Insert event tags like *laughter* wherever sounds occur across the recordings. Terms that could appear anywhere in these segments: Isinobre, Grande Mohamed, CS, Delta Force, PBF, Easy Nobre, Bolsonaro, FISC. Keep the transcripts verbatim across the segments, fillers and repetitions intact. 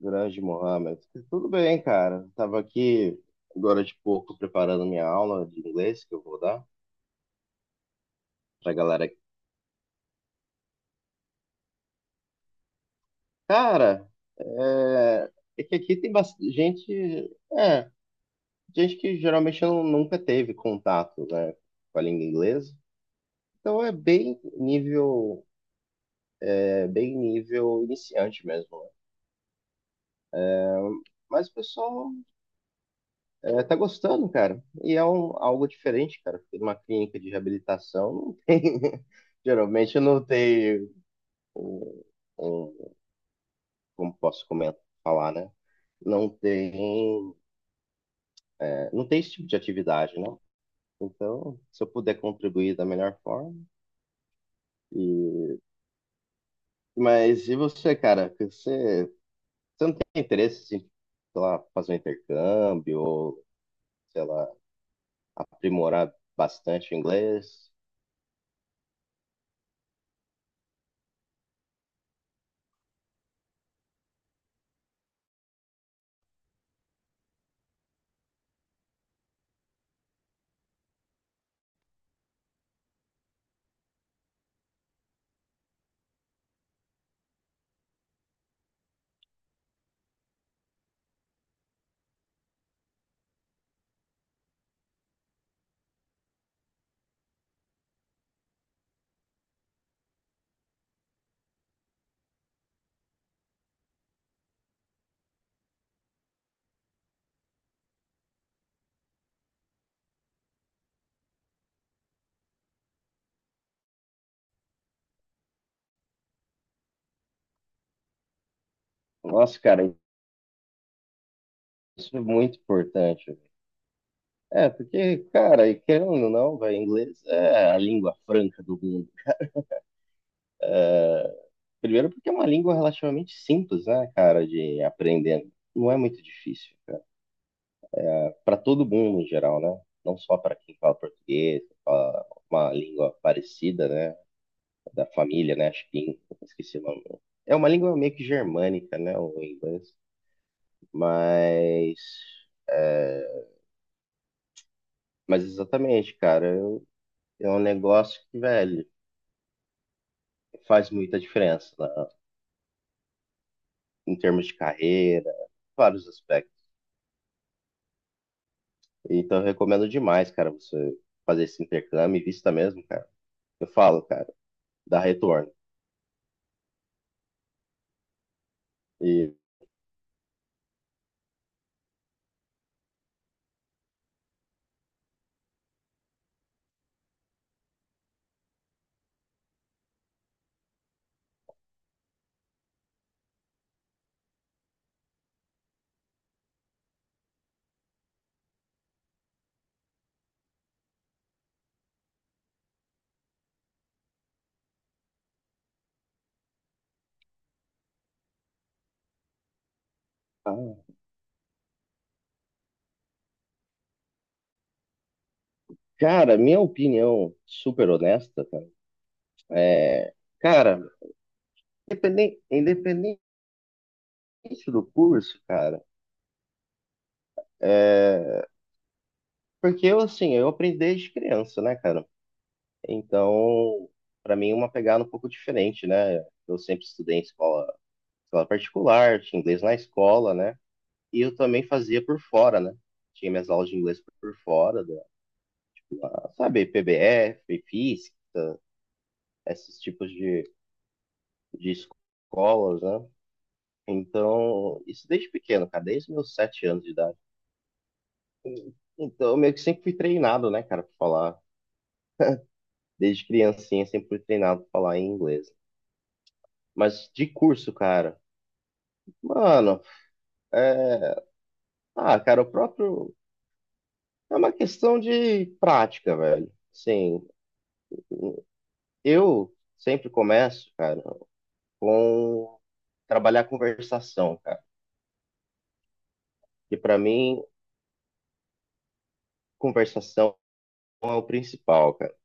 Grande Mohamed. Tudo bem, cara. Tava aqui agora de pouco preparando minha aula de inglês que eu vou dar pra galera. Aqui. Cara, é, é que aqui tem bastante gente, é, gente que geralmente não, nunca teve contato, né, com a língua inglesa. Então é bem nível, é bem nível iniciante mesmo, né? Mas o pessoal é, tá gostando, cara. E é um- algo diferente, cara. Fiquei numa clínica de reabilitação, não tem. *laughs* Geralmente não tem um, um- como posso comentar, falar, né? Não tem, é, não tem esse tipo de atividade, né? Então, se eu puder contribuir da melhor forma. E, mas e você, cara? Que Você, você não tem interesse em, sei lá, fazer um intercâmbio ou, sei lá, aprimorar bastante o inglês? Nossa, cara, isso é muito importante. É, porque, cara, e querendo ou não, vai, inglês é a língua franca do mundo. Primeiro porque é uma língua relativamente simples, né, cara, de aprender. Não é muito difícil, cara. Para todo mundo em geral, né? Não só para quem fala português, quem fala uma língua parecida, né, da família, né, acho que esqueci o nome. É uma língua meio que germânica, né, o inglês, mas é, mas exatamente, cara, eu- é um negócio que, velho, faz muita diferença, né, em termos de carreira, vários aspectos. Então, eu recomendo demais, cara, você fazer esse intercâmbio e vista mesmo, cara. Eu falo, cara, dá retorno. E, ah, cara, minha opinião super honesta, cara, é, cara, independente, independente do curso, cara, é, porque eu, assim, eu aprendi desde criança, né, cara? Então, pra mim, é uma pegada um pouco diferente, né? Eu sempre estudei em escola, escola particular, tinha inglês na escola, né? E eu também fazia por fora, né? Tinha minhas aulas de inglês por por fora, da, sabe, P B F, F I S C, esses tipos de, de escolas, né? Então, isso desde pequeno, cara, desde os meus sete anos de idade. Então, eu meio que sempre fui treinado, né, cara, pra falar. Desde criancinha, sempre fui treinado pra falar em inglês. Mas de curso, cara, mano, é... ah, cara, o próprio. É uma questão de prática, velho. Sim, eu sempre começo, cara, com trabalhar a conversação, cara. E para mim, conversação é o principal, cara.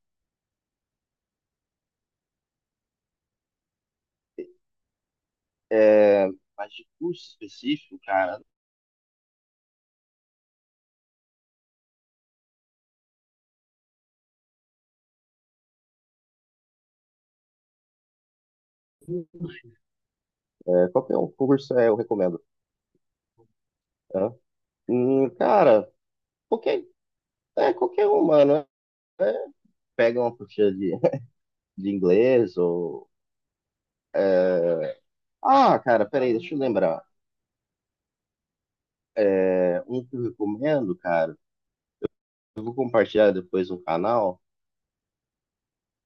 É, mas de curso específico, cara, é, qualquer um curso é, eu recomendo. Né? Hum, cara, qualquer, é, qualquer um, mano. É, pega uma apostila de, *laughs* de inglês ou. Ah, cara, peraí, deixa eu lembrar. É, um que eu recomendo, cara, eu vou compartilhar depois no canal.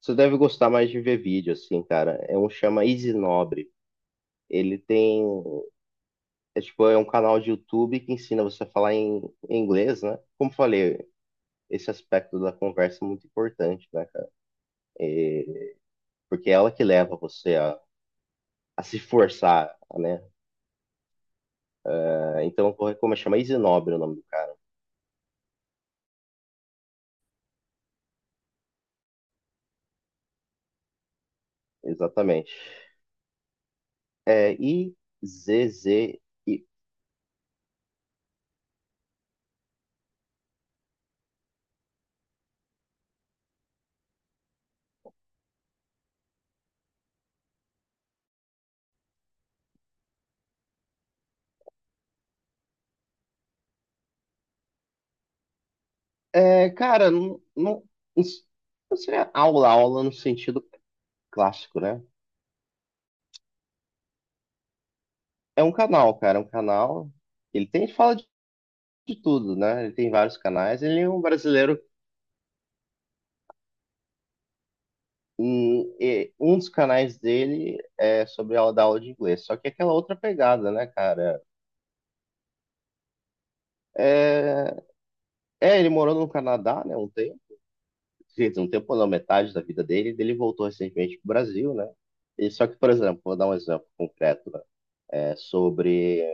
Você deve gostar mais de ver vídeo, assim, cara. É um chama Easy Nobre. Ele tem É tipo, é um canal de YouTube que ensina você a falar em, em inglês, né? Como eu falei, esse aspecto da conversa é muito importante, né, cara? Porque é ela que leva você a, a se forçar, né? Ah, então, eu vou recomendar, chama Isinobre o nome do cara. Exatamente. É I-Z-Z. É, cara, não, não, não seria aula, aula no sentido clássico, né? É um canal, cara, é um canal. Ele tem, fala de, de tudo, né? Ele tem vários canais. Ele é um brasileiro. E, e um dos canais dele é sobre a da aula de inglês. Só que é aquela outra pegada, né, cara? É, é, ele morou no Canadá, né, um tempo. Quer dizer, um tempo não, metade da vida dele. Ele voltou recentemente pro Brasil, né? E só que, por exemplo, vou dar um exemplo concreto, né? É sobre.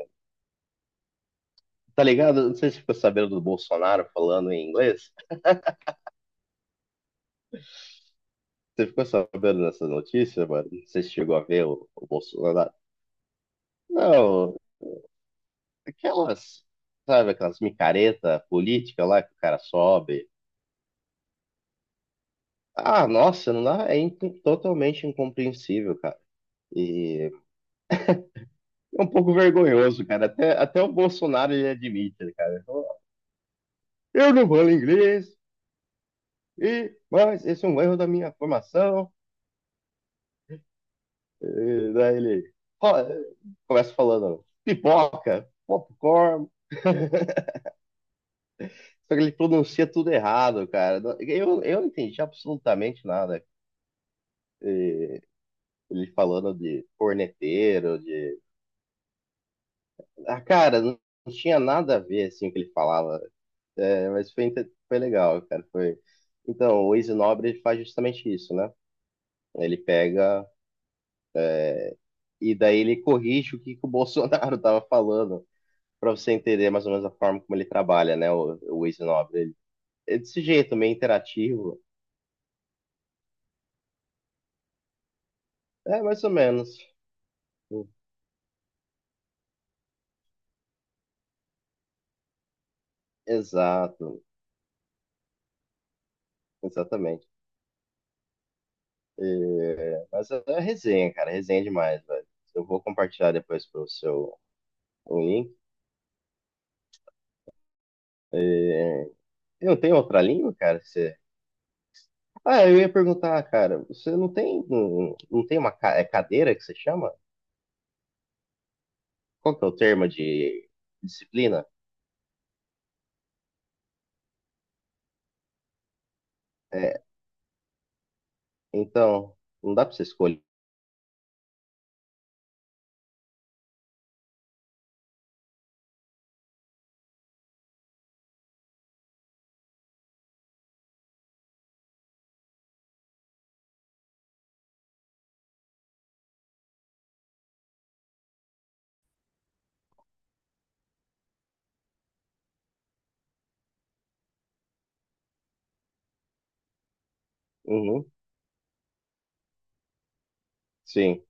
Tá ligado? Não sei se você ficou sabendo do Bolsonaro falando em inglês. Você ficou sabendo dessa notícia, mano? Não sei se chegou a ver o, o Bolsonaro. Não, aquelas, sabe, aquelas micareta política lá que o cara sobe. Ah, nossa, não dá, é incom- totalmente incompreensível, cara. E é um pouco vergonhoso, cara. Até, até o Bolsonaro ele admite, né, cara. Eu não falo inglês, e, mas esse é um erro da minha formação. E daí ele ó, começa falando pipoca, popcorn. *laughs* Só que ele pronuncia tudo errado, cara. Eu, eu não entendi absolutamente nada. Ele falando de corneteiro, de. Ah, cara, não tinha nada a ver, assim, o que ele falava. É, mas foi, inte- foi legal, cara. Foi... Então, o Easy Nobre faz justamente isso, né? Ele pega e daí ele corrige o que, que o Bolsonaro *laughs* tava falando, para você entender mais ou menos a forma como ele trabalha, né? O, o Easy Nobre. Ele, é desse jeito, meio interativo. É, mais ou menos. Exato, exatamente. É, mas é resenha, cara, resenha demais, velho. Eu vou compartilhar depois pro seu o link. E não tem outra língua, cara? Que você... Ah, eu ia perguntar, cara, você não tem, não, não tem uma ca- é cadeira que você chama? Qual que é o termo de disciplina? É, então, não dá pra você escolher. Uhum, sim.